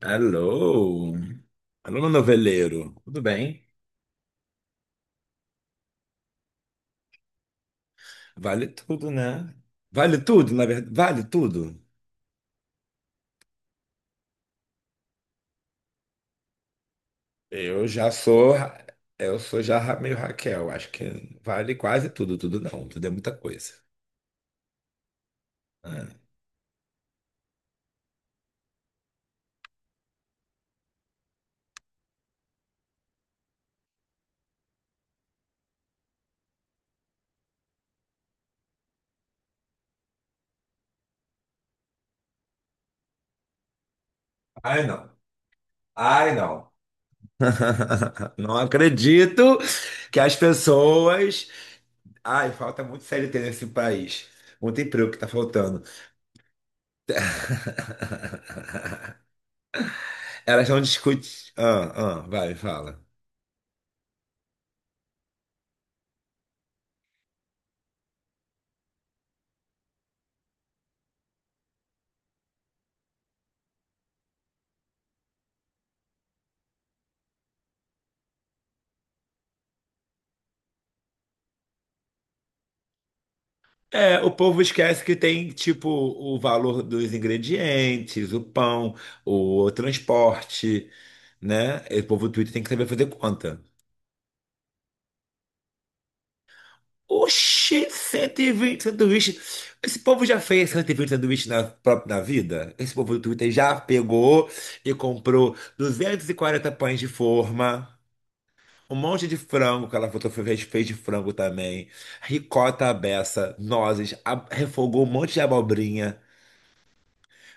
Alô? Alô, meu noveleiro. Tudo bem? Vale tudo, né? Vale tudo, na verdade. Vale tudo? Eu já sou. Eu sou já meio Raquel. Acho que vale quase tudo. Tudo não. Tudo é muita coisa. É. Ai, não. Ai, não. Não acredito que as pessoas. Ai, falta muito CLT nesse país. Muito emprego que tá faltando. Elas não discutem. Ah, vai, fala. É, o povo esquece que tem, tipo, o valor dos ingredientes, o pão, o transporte, né? E o povo do Twitter tem que saber fazer conta. Oxi, 120 sanduíches. Esse povo já fez 120 sanduíches na vida? Esse povo do Twitter já pegou e comprou 240 pães de forma, um monte de frango, que ela fotografou, fez de frango também, ricota à beça, nozes, refogou um monte de abobrinha.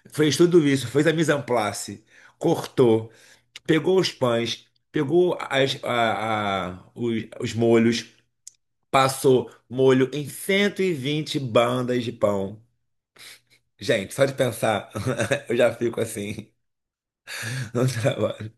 Fez tudo isso, fez a mise en place, cortou, pegou os pães, pegou os molhos, passou molho em 120 bandas de pão. Gente, só de pensar, eu já fico assim no trabalho.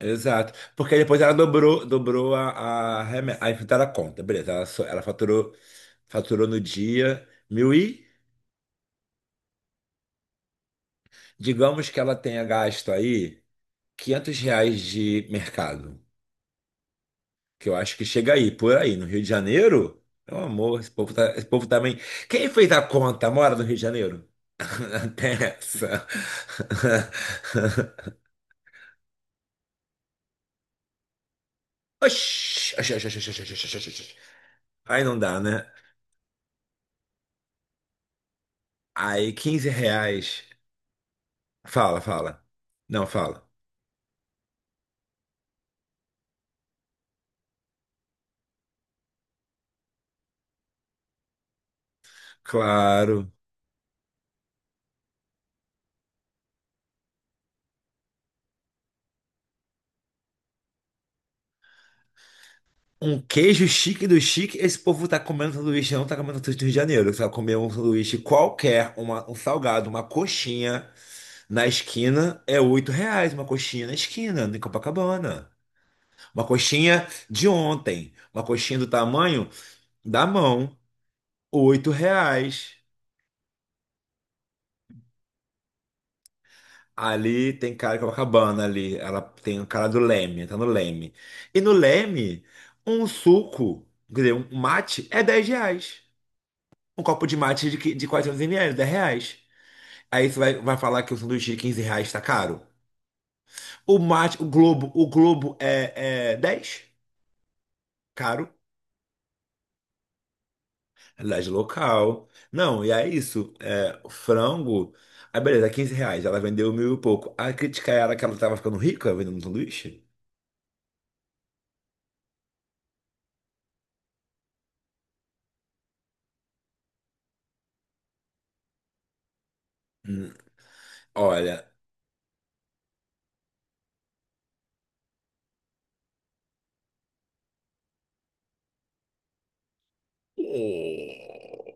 Exato. Porque depois ela dobrou a enfrentar a conta. Beleza, ela faturou no dia mil e, digamos que ela tenha gasto aí R$ 500 de mercado. Que eu acho que chega aí, por aí, no Rio de Janeiro. Meu amor, esse povo, tá, esse povo também. Quem fez a conta mora no Rio de Janeiro? Até essa. Oxi, oxi, oxi, oxi, oxi, oxi, oxi, oxi. Aí não dá, né? Aí R$ 15. Fala, fala. Não, fala. Claro. Um queijo chique do chique. Esse povo tá comendo sanduíche, não tá comendo sanduíche do Rio de Janeiro. Você vai comer um sanduíche qualquer, um salgado, uma coxinha. Na esquina é R$ 8 uma coxinha na esquina, em Copacabana. Uma coxinha de ontem, uma coxinha do tamanho da mão, R$ 8. Ali tem cara de Copacabana ali, ela tem o cara do Leme, tá no Leme. E no Leme, um suco, quer dizer, um mate é R$ 10. Um copo de mate de 400 ml, R$ 10. Aí você vai falar que o sanduíche de R$ 15 tá caro? O mate, o Globo é 10, caro. Realidade local. Não, e é isso. É, o frango. Aí beleza, é R$ 15. Ela vendeu mil e pouco. A crítica era que ela tava ficando rica vendendo um sanduíche? Hum, olha.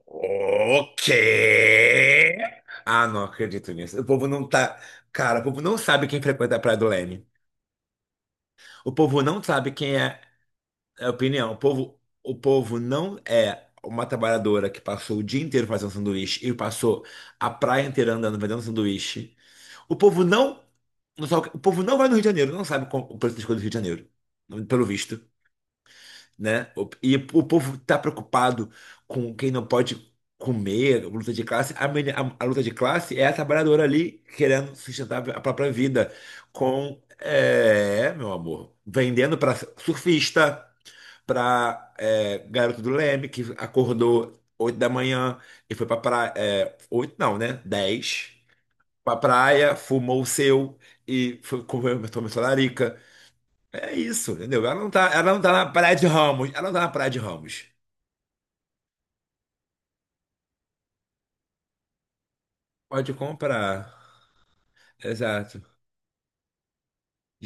O quê? Ah, não acredito nisso. O povo não tá. Cara, o povo não sabe quem frequenta a Praia do Leme. O povo não sabe quem é a opinião. O povo não é uma trabalhadora que passou o dia inteiro fazendo sanduíche e passou a praia inteira andando vendendo sanduíche. O povo não sabe o povo não vai no Rio de Janeiro, não sabe o preço das coisas do Rio de Janeiro, pelo visto, né? E o povo tá preocupado com quem não pode comer, luta de classe. A luta de classe é a trabalhadora ali querendo sustentar a própria vida com, meu amor, vendendo para surfista, para garoto do Leme que acordou 8 da manhã e foi para praia, 8 não, né? Dez pra praia, fumou o seu e foi comer, tomou sua larica. É isso, entendeu? Ela não tá na praia de Ramos. Ela não tá na praia de Ramos. Pode comprar. Exato.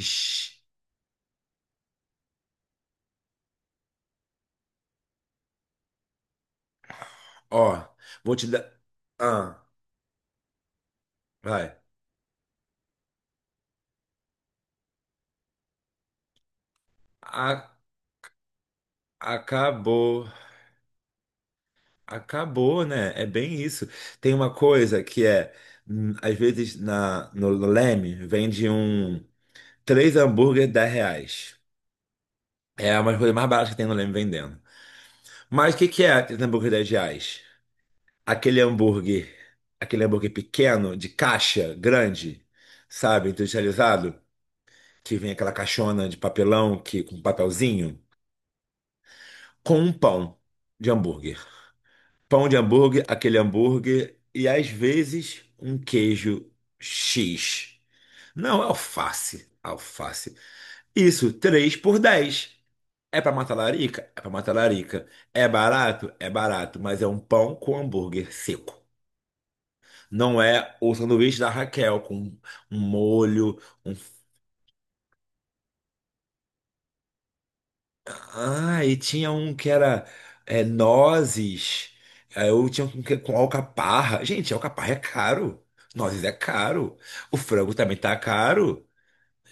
Ixi. Ó, vou te dar. Ah, vai. A- acabou. Acabou, né? É bem isso. Tem uma coisa que é, às vezes no Leme vende um três hambúrguer 10 reais. É uma coisa mais barata que tem no Leme vendendo. Mas o que que é aquele hambúrguer R$ 10? Aquele hambúrguer, aquele hambúrguer pequeno, de caixa, grande, sabe, industrializado, que vem aquela caixona de papelão que, com papelzinho, com um pão de hambúrguer. Pão de hambúrguer, aquele hambúrguer e às vezes um queijo X. Não, alface, alface. Isso, 3 por dez. É pra matar larica? É pra matar larica. É barato? É barato, mas é um pão com hambúrguer seco. Não é o sanduíche da Raquel, com um molho, um... Ah, e tinha um que era nozes, aí eu tinha um que com alcaparra. Gente, alcaparra é caro, nozes é caro, o frango também tá caro.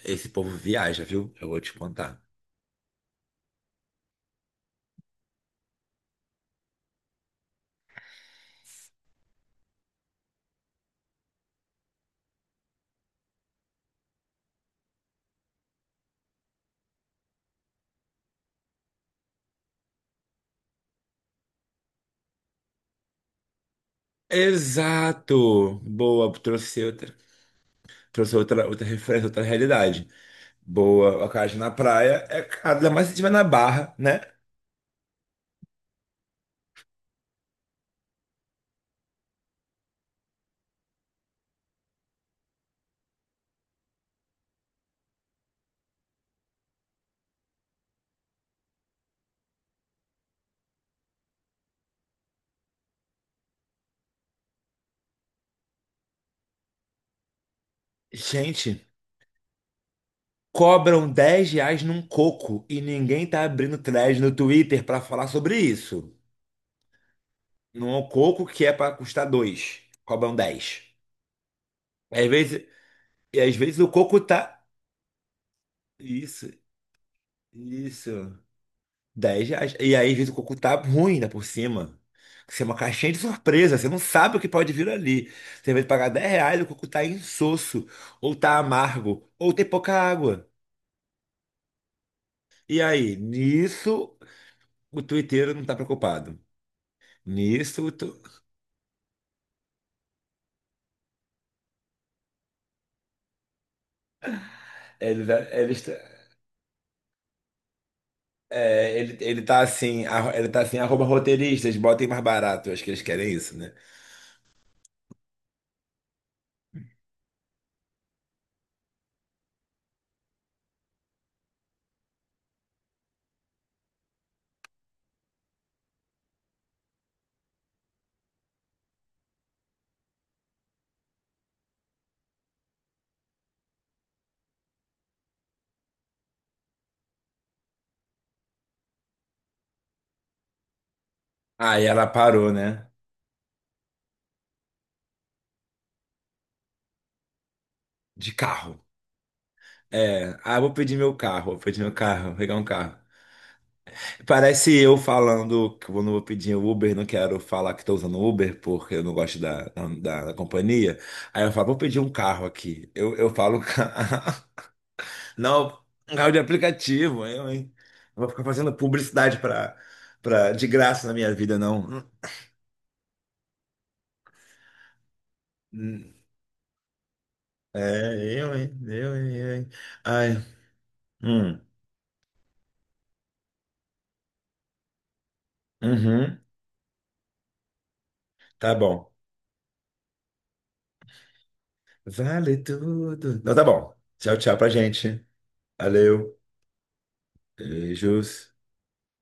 Esse povo viaja, viu? Eu vou te contar. Exato! Boa, trouxe outra, outra referência, outra realidade. Boa, a casa na praia é caro, ainda mais se tiver na Barra, né? Gente... Cobram R$ 10 num coco e ninguém tá abrindo thread no Twitter pra falar sobre isso. Num coco que é pra custar 2, cobram 10. Às vezes, e às vezes o coco tá. Isso, isso. R$ 10. E aí, às vezes, o coco tá ruim, ainda por cima. Isso é uma caixinha de surpresa, você não sabe o que pode vir ali. Você vai pagar R$ 10, o coco tá insosso, ou tá amargo, ou tem pouca água. E aí, nisso, o tuiteiro não tá preocupado. Nisso, o tu- Ele, tá- ele, está- ele tá assim, arroba roteiristas, botem mais barato. Eu acho que eles querem isso, né? Aí ela parou, né? De carro. É, ah, vou pedir meu carro, vou pedir meu carro, vou pegar um carro. Parece eu falando que eu não vou pedir o Uber, não quero falar que estou usando o Uber porque eu não gosto da companhia. Aí eu falo, vou pedir um carro aqui. Eu falo, não, um carro de aplicativo, eu, hein? Não vou ficar fazendo publicidade de graça na minha vida, não. Hum, é, eu, hein? Eu, hein? Eu, hein? Ai, hum, uhum, tá bom. Vale tudo. Não, tá bom. Tchau, tchau pra gente. Valeu. Beijos.